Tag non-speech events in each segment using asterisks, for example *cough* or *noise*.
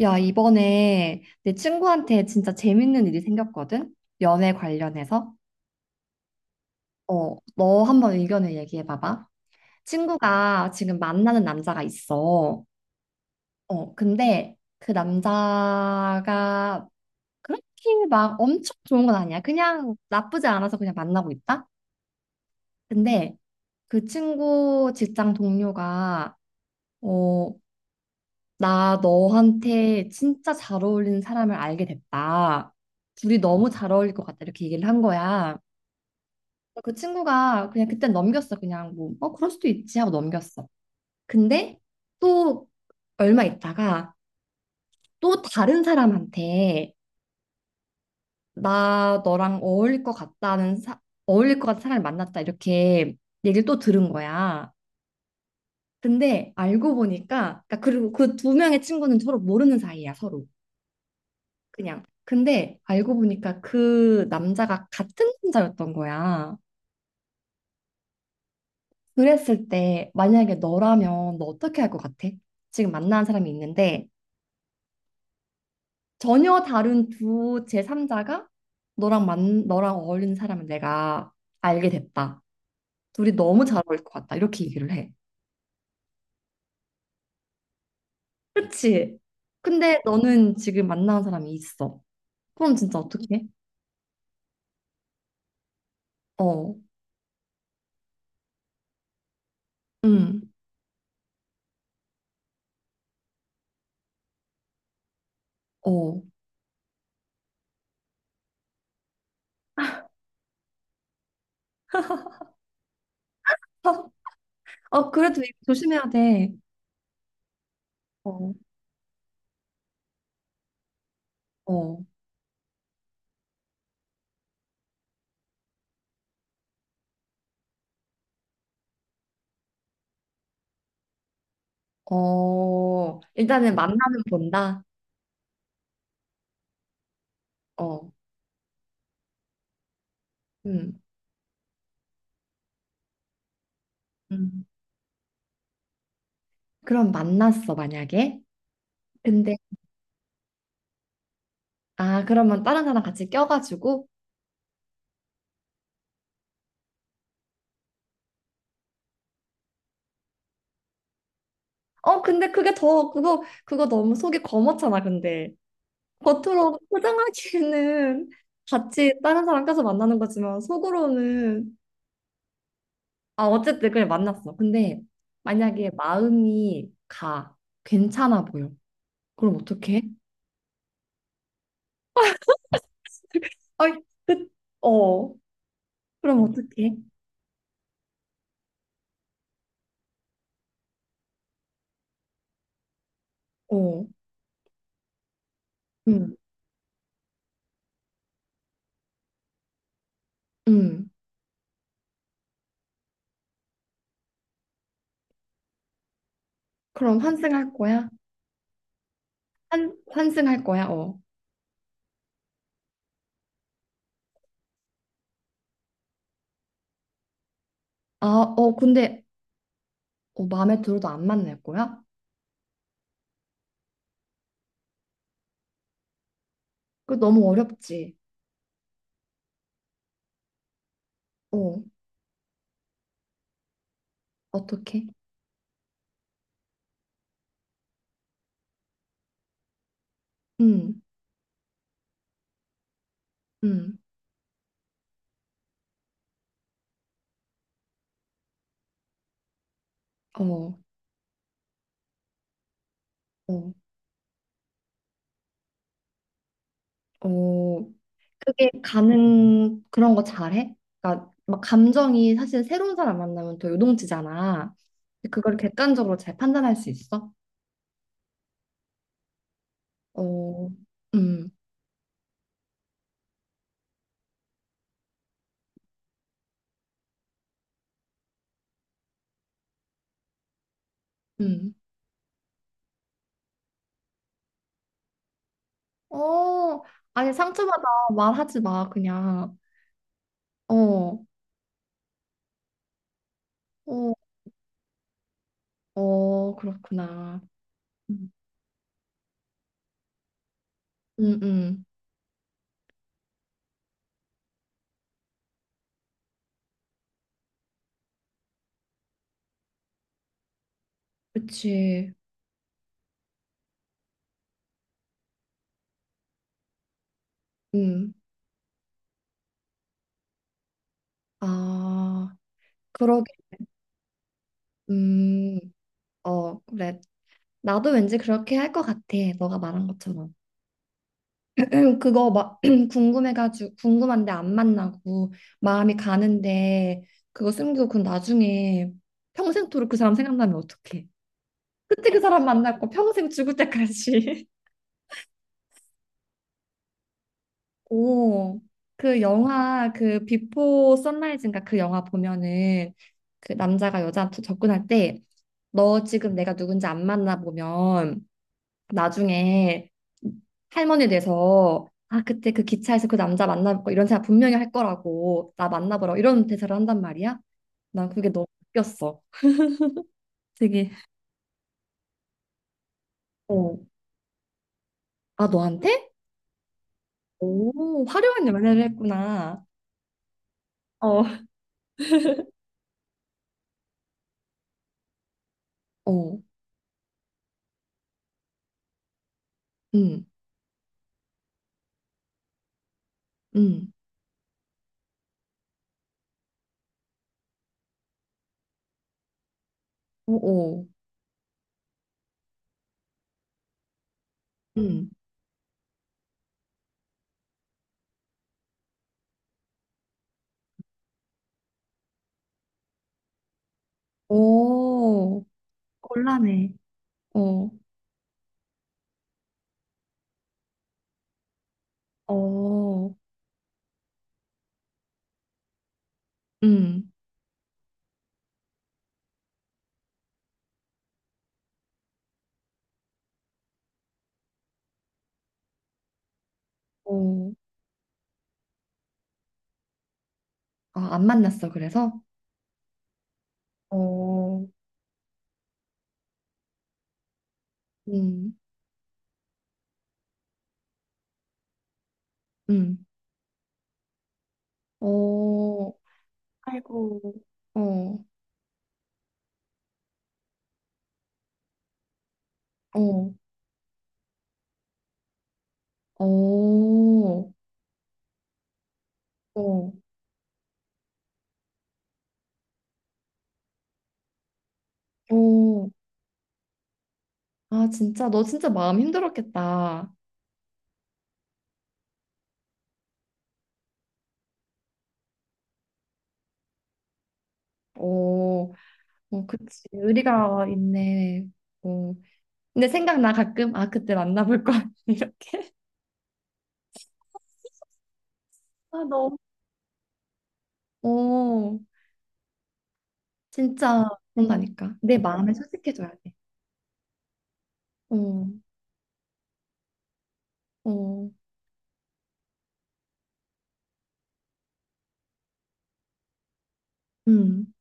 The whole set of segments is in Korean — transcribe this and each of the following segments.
야, 이번에 내 친구한테 진짜 재밌는 일이 생겼거든? 연애 관련해서. 어, 너 한번 의견을 얘기해 봐봐. 친구가 지금 만나는 남자가 있어. 어, 근데 그 남자가 그렇게 막 엄청 좋은 건 아니야. 그냥 나쁘지 않아서 그냥 만나고 있다? 근데 그 친구 직장 동료가 어, 나 너한테 진짜 잘 어울리는 사람을 알게 됐다. 둘이 너무 잘 어울릴 것 같다. 이렇게 얘기를 한 거야. 그 친구가 그냥 그때 넘겼어. 그냥 뭐, 그럴 수도 있지 하고 넘겼어. 근데 또 얼마 있다가 또 다른 사람한테 나 너랑 어울릴 것 같다는 어울릴 것 같은 사람을 만났다. 이렇게 얘기를 또 들은 거야. 근데 알고 보니까, 그러니까 그리고 그 두 명의 친구는 서로 모르는 사이야, 서로. 그냥. 근데 알고 보니까 그 남자가 같은 남자였던 거야. 그랬을 때 만약에 너라면 너 어떻게 할 것 같아? 지금 만나는 사람이 있는데 전혀 다른 두 제3자가 너랑 어울리는 사람을 내가 알게 됐다. 둘이 너무 잘 어울릴 것 같다. 이렇게 얘기를 해. 그치? 근데 너는 지금 만나는 사람이 있어. 그럼 진짜 어떻게 해? 어. 응. 어. *laughs* 어, 그래도 이거 조심해야 돼. 어. 어. 어, 일단은 만나는 본다. 어, 음, 음. 그럼 만났어, 만약에. 근데, 아, 그러면 다른 사람 같이 껴가지고. 어, 근데 그거 너무 속이 검었잖아, 근데. 겉으로 포장하기에는 같이 다른 사람 껴서 만나는 거지만, 속으로는. 아, 어쨌든 그냥 만났어. 근데 만약에 마음이 가. 괜찮아 보여. 그럼 어떡해? *laughs* 아이 끝. 어, 그럼 어떡해? 어. 음. 음, 그럼 환승할 거야? 환승할 거야? 어. 아, 어, 근데 어, 마음에 들어도 안 만날 거야? 그 너무 어렵지. 어, 어떻게? 음, 음, 어, 어, 어. 그게 가는 그런 거 잘해? 그러니까 막 감정이 사실 새로운 사람 만나면 더 요동치잖아. 근데 그걸 객관적으로 잘 판단할 수 있어? 어, 음, 음. 어, 아니 상처받아 말하지 마 그냥. 어. 어. 어, 그렇구나. 음. 음, 음. 그치. 음. 아, 그러게. 음. 어, 그래. 나도 왠지 그렇게 할 것 같아. 너가 말한 것처럼. *clears throat* 그거 막 *clears throat* 궁금해가지고 궁금한데 안 만나고 마음이 가는데 그거 숨기고 그 나중에 평생토록 그 사람 생각나면 어떡해? 그때 그 사람 만났고 평생 죽을 때까지. *laughs* 오. 그 영화 그 비포 선라이즈인가 그 영화 보면은 그 남자가 여자한테 접근할 때 너 지금 내가 누군지 안 만나보면 나중에 할머니 돼서 아 그때 그 기차에서 그 남자 만나볼 거 이런 생각 분명히 할 거라고 나 만나보라고 이런 대사를 한단 말이야. 난 그게 너무 웃겼어. 되게 어. 아 너한테? 오 화려한 연애를 했구나. 어, 응, 응. 어. 음. 음. 오오. 음. 오. 곤란해. 어. 어. 음. 어. 아, 안 만났어, 그래서? 어, 음, 음. 어, 어, 아이고, 어, 어, 어, 어. 어. 아, 진짜, 너 진짜 마음 힘들었겠다. 어, 어, 그치. 의리가 있네. 어. 근데 생각나 가끔, 아, 그때 만나볼 걸. *laughs* 이렇게. 아, 너무, 어, 진짜 그런다니까. 내 마음을 솔직해줘야 돼. 어, 어, 음.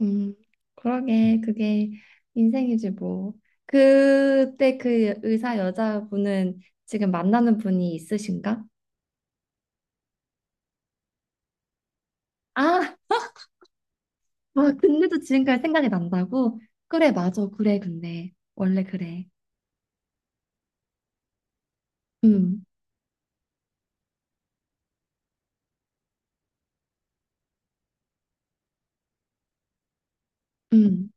음, 그러게, 그게 인생이지, 뭐. 그때 그 의사 여자분은 지금 만나는 분이 있으신가? 아, 와, 근데도 지금까지 생각이 난다고? 그래, 맞아, 그래, 근데. 원래 그래. 음, 음,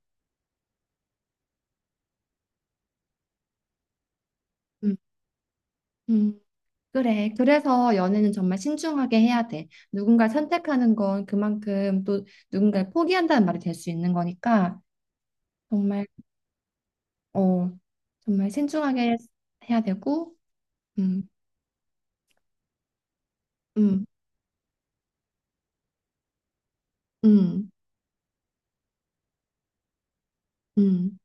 음, 음. 그래. 그래서 연애는 정말 신중하게 해야 돼. 누군가를 선택하는 건 그만큼 또 누군가를 포기한다는 말이 될 수 있는 거니까 정말, 어, 정말 신중하게 해야 되고, 음. 음. 음, 음,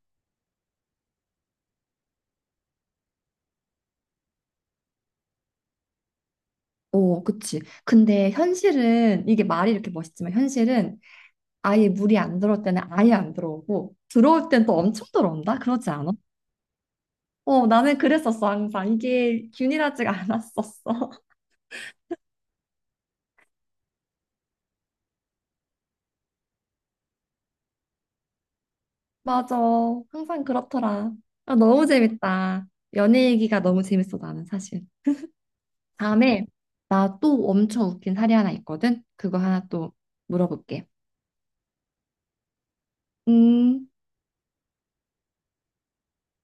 오, 그치. 근데 현실은, 이게 말이 이렇게 멋있지만, 현실은 아예 물이 안 들어올 때는 아예 안 들어오고, 들어올 땐 또 엄청 들어온다? 그러지 않아? 어, 나는 그랬었어, 항상. 이게 균일하지가 않았었어. *laughs* 맞아. 항상 그렇더라. 아, 너무 재밌다. 연애 얘기가 너무 재밌어, 나는 사실. 다음에, 나 또 엄청 웃긴 사례 하나 있거든? 그거 하나 또 물어볼게. 음.